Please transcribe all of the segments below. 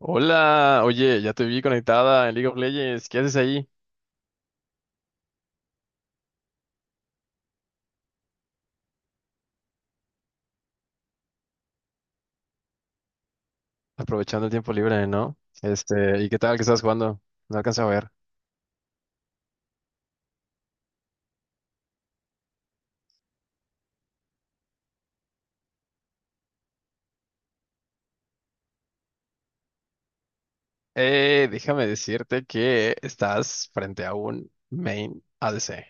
Hola, oye, ya te vi conectada en League of Legends. ¿Qué haces ahí? Aprovechando el tiempo libre, ¿no? ¿Y qué tal? ¿Qué estás jugando? No alcanzo a ver. Déjame decirte que estás frente a un main ADC.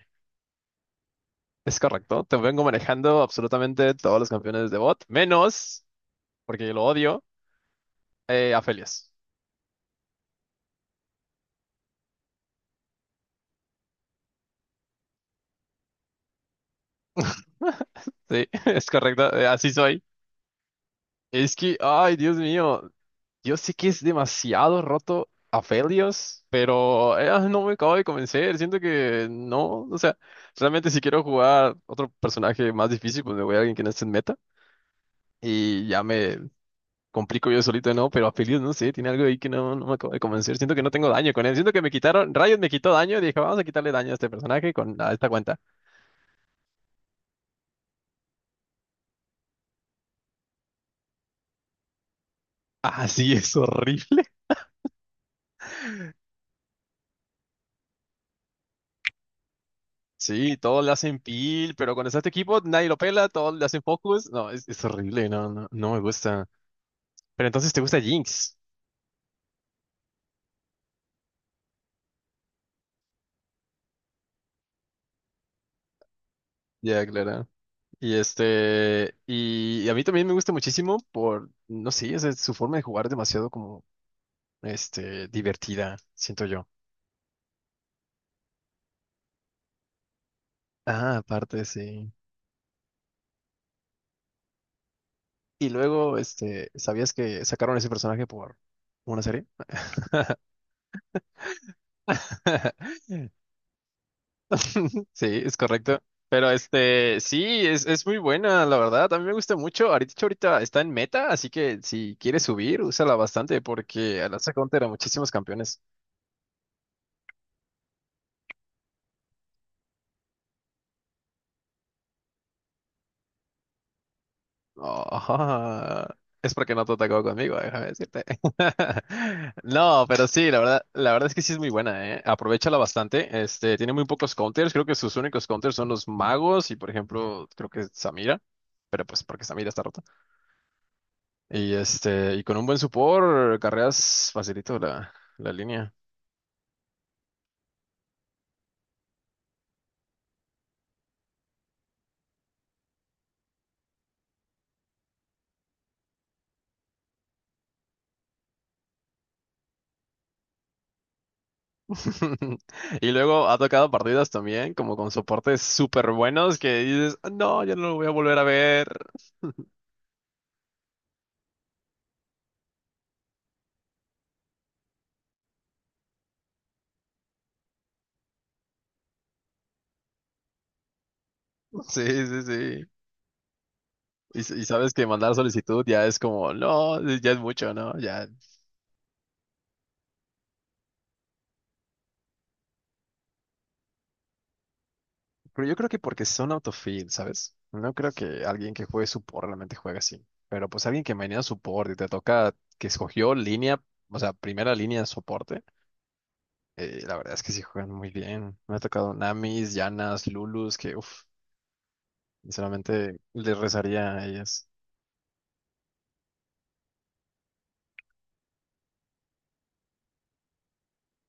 Es correcto. Te vengo manejando absolutamente todos los campeones de bot, menos, porque lo odio, Aphelios. Sí, es correcto. Así soy. Es que, ay, Dios mío. Yo sé que es demasiado roto a Felios, pero no me acabo de convencer. Siento que no. O sea, realmente si quiero jugar otro personaje más difícil, pues me voy a alguien que no esté en meta y ya me complico yo solito, ¿no? Pero a Felios, no sé, tiene algo ahí que no, no me acabo de convencer. Siento que no tengo daño con él. Siento que me quitaron, Riot me quitó daño. Dije, vamos a quitarle daño a este personaje con a esta cuenta. Ah, sí, es horrible. Sí, todos le hacen peel, pero cuando está este equipo, nadie lo pela, todos le hacen focus. No, es horrible, no, no, no me gusta. Pero entonces te gusta Jinx. Ya, claro. Y a mí también me gusta muchísimo por, no sé, o sea, su forma de jugar es demasiado como, divertida, siento yo. Ah, aparte, sí. Y luego, ¿sabías que sacaron ese personaje por una serie? Sí, es correcto. Pero sí, es muy buena, la verdad. A mí me gusta mucho. Ahorita, de hecho, ahorita está en meta, así que si quieres subir, úsala bastante porque la saca counter a muchísimos campeones. Oh, es porque no te atacó conmigo, déjame decirte. No, pero sí, la verdad es que sí es muy buena, ¿eh? Aprovechala bastante. Tiene muy pocos counters. Creo que sus únicos counters son los magos y, por ejemplo, creo que Samira. Pero pues porque Samira está rota. Y con un buen support, carreras facilito la línea. Y luego ha tocado partidas también, como con soportes súper buenos que dices, no, yo no lo voy a volver a ver. Sí, sí, sí. Y sabes que mandar solicitud ya es como, no, ya es mucho, ¿no? Ya. Pero yo creo que porque son autofill, ¿sabes? No creo que alguien que juegue support realmente juegue así. Pero pues alguien que maneja support y te toca que escogió línea, o sea, primera línea de soporte, la verdad es que sí juegan muy bien. Me ha tocado Namis, Yanas, Lulus, que uff, sinceramente les rezaría a ellas.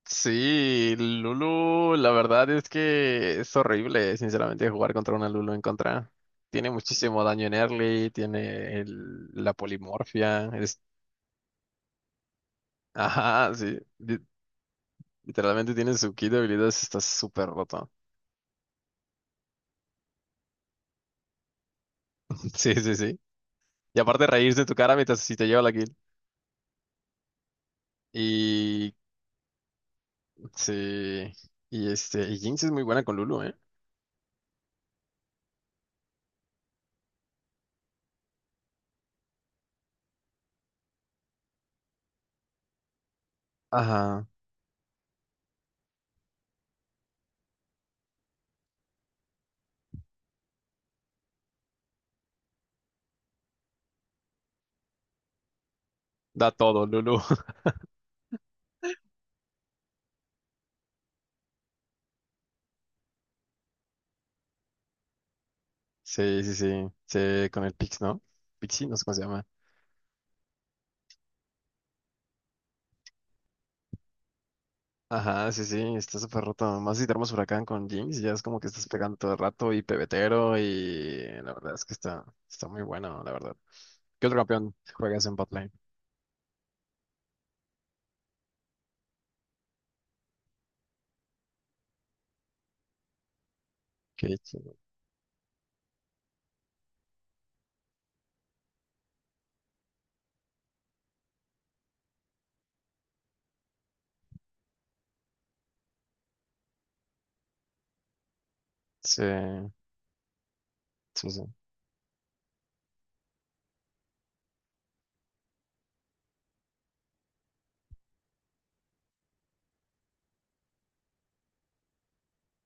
Sí, Lulu, la verdad es que es horrible, sinceramente, jugar contra una Lulu en contra. Tiene muchísimo daño en early, tiene la polimorfia, es. Ajá, sí. Literalmente tiene su kit de habilidades, está súper roto. Sí, sí, sí. Y aparte reírse de tu cara mientras si te lleva la kill. Y... Sí. Y Jinx es muy buena con Lulu, ¿eh? Ajá. Da todo, Lulu. Sí, sí, sí. Sí, con el Pix, ¿no? Pixie, no sé cómo se llama. Ajá, sí, sí, está súper roto. Más si te armas huracán con Jinx, ya es como que estás pegando todo el rato y pebetero y la verdad es que está muy bueno, la verdad. ¿Qué otro campeón juegas en botlane? Qué chido. Sí, sí, sí.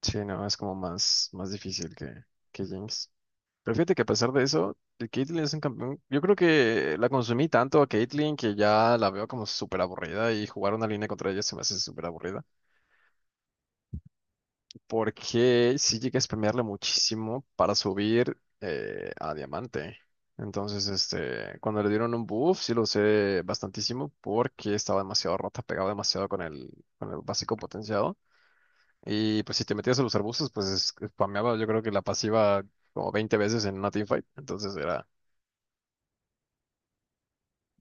Sí, no, es como más difícil que Jinx. Pero fíjate que a pesar de eso, el Caitlyn es un campeón. Yo creo que la consumí tanto a Caitlyn que ya la veo como súper aburrida y jugar una línea contra ella se me hace súper aburrida. Porque sí llegué a spamearle muchísimo para subir a diamante. Entonces, cuando le dieron un buff, sí lo usé bastantísimo porque estaba demasiado rota, pegaba demasiado con el básico potenciado. Y pues si te metías a los arbustos, pues spameaba yo creo que la pasiva como 20 veces en una teamfight. Entonces era.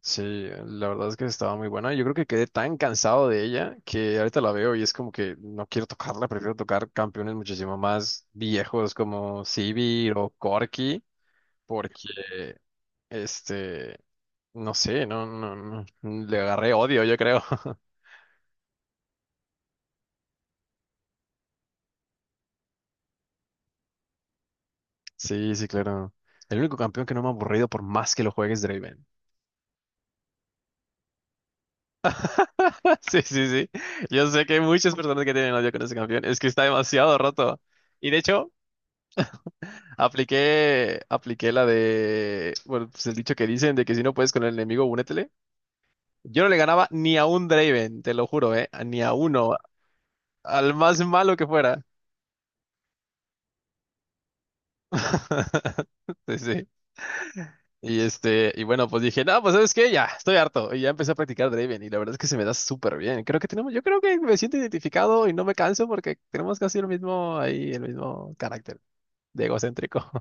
Sí, la verdad es que estaba muy buena. Yo creo que quedé tan cansado de ella que ahorita la veo y es como que no quiero tocarla, prefiero tocar campeones muchísimo más viejos como Sivir o Corki, porque este, no sé, no, no, no, le agarré odio, yo creo. Sí, sí, claro. El único campeón que no me ha aburrido por más que lo juegues Draven. Sí, sí, sí. Yo sé que hay muchas personas que tienen odio con ese campeón. Es que está demasiado roto. Y de hecho, apliqué la de, bueno, pues el dicho que dicen de que si no puedes con el enemigo, únetele. Yo no le ganaba ni a un Draven, te lo juro, ¿eh? Ni a uno, al más malo que fuera. Sí, sí. Y bueno, pues dije, no, pues ¿sabes qué? Ya, estoy harto. Y ya empecé a practicar Draven y la verdad es que se me da súper bien. Creo que tenemos, yo creo que me siento identificado y no me canso porque tenemos casi el mismo ahí, el mismo carácter de egocéntrico.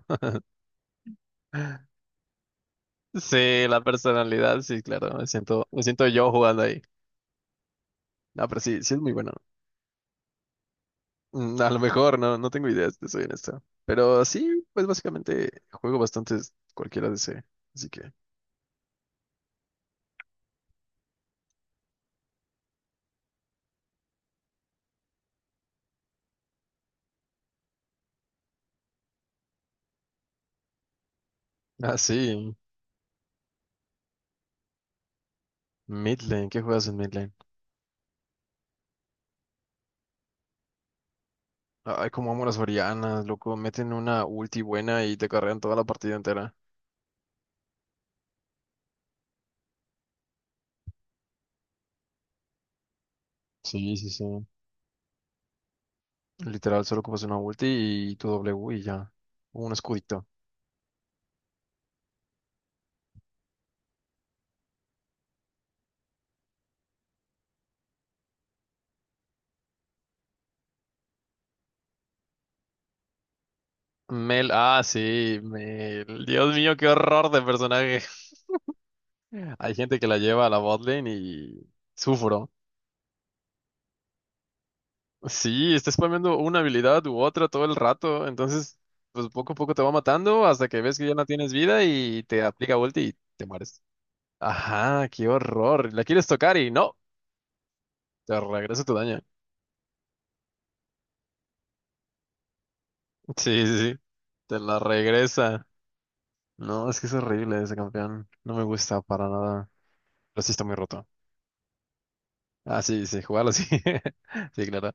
Sí, la personalidad, sí, claro. Me siento yo jugando ahí. No, pero sí, sí es muy bueno. A lo mejor, no, no tengo ideas, te soy honesto. Pero sí, pues básicamente juego bastantes cualquiera DC. Así que. Ah, sí. Midlane, ¿qué juegas en midlane? Ay, como amo las Orianas, loco. Meten una ulti buena y te carrean toda la partida entera. Sí, sí, sí. Literal, solo ocupas una ulti y tu W y ya. Un escudito. Mel, ah, sí, Mel. Dios mío, qué horror de personaje. Hay gente que la lleva a la botlane y sufro. Sí, está spameando una habilidad u otra todo el rato, entonces pues poco a poco te va matando hasta que ves que ya no tienes vida y te aplica ulti y te mueres. Ajá, qué horror. La quieres tocar y no, te regresa tu daño. Sí, sí, sí, te la regresa. No, es que es horrible ese campeón. No me gusta para nada. Pero sí está muy roto. Ah, sí, sí, jugarlo sí. Sí, claro.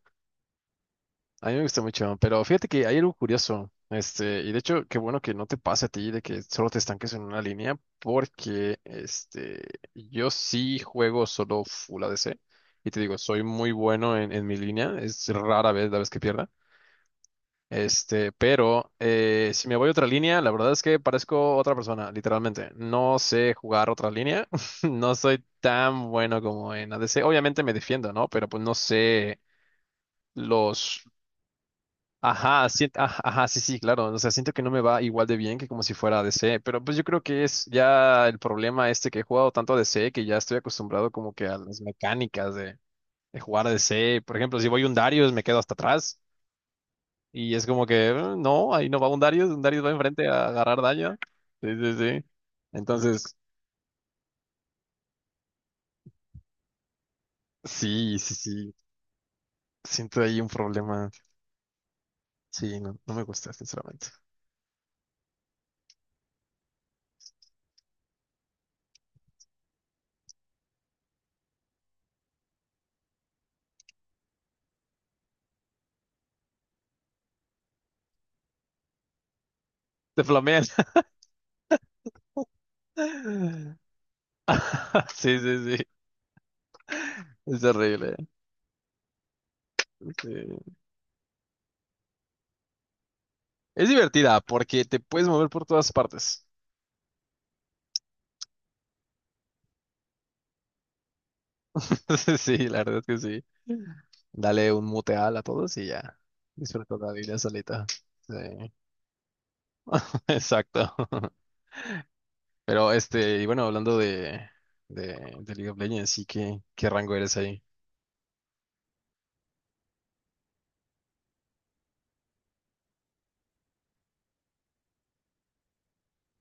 A mí me gusta mucho, pero fíjate que hay algo curioso, y de hecho, qué bueno que no te pase a ti de que solo te estanques en una línea, porque, yo sí juego solo full ADC, y te digo, soy muy bueno en mi línea, es rara vez la vez que pierda, pero si me voy a otra línea, la verdad es que parezco otra persona, literalmente, no sé jugar otra línea, no soy tan bueno como en ADC, obviamente me defiendo, ¿no? Pero pues no sé los. Ajá, ajá, sí, sí, claro. O sea, siento que no me va igual de bien que como si fuera DC, pero pues yo creo que es ya el problema este que he jugado tanto a DC que ya estoy acostumbrado como que a las mecánicas de jugar a DC. Por ejemplo, si voy un Darius me quedo hasta atrás y es como que no, ahí no va un Darius va enfrente a agarrar daño." Sí, sí, sí. Entonces, sí, sí, sí, siento ahí un problema. Sí, no, no me gusta, sinceramente. Te flamean. Sí, sí, sí, es horrible. Sí. Es divertida porque te puedes mover por todas partes. sí, la verdad es que sí. Dale un muteal a todos y ya. Disfruta la vida solita. Sí, exacto. Pero y bueno, hablando de, de League of Legends, sí, ¿Qué rango eres ahí?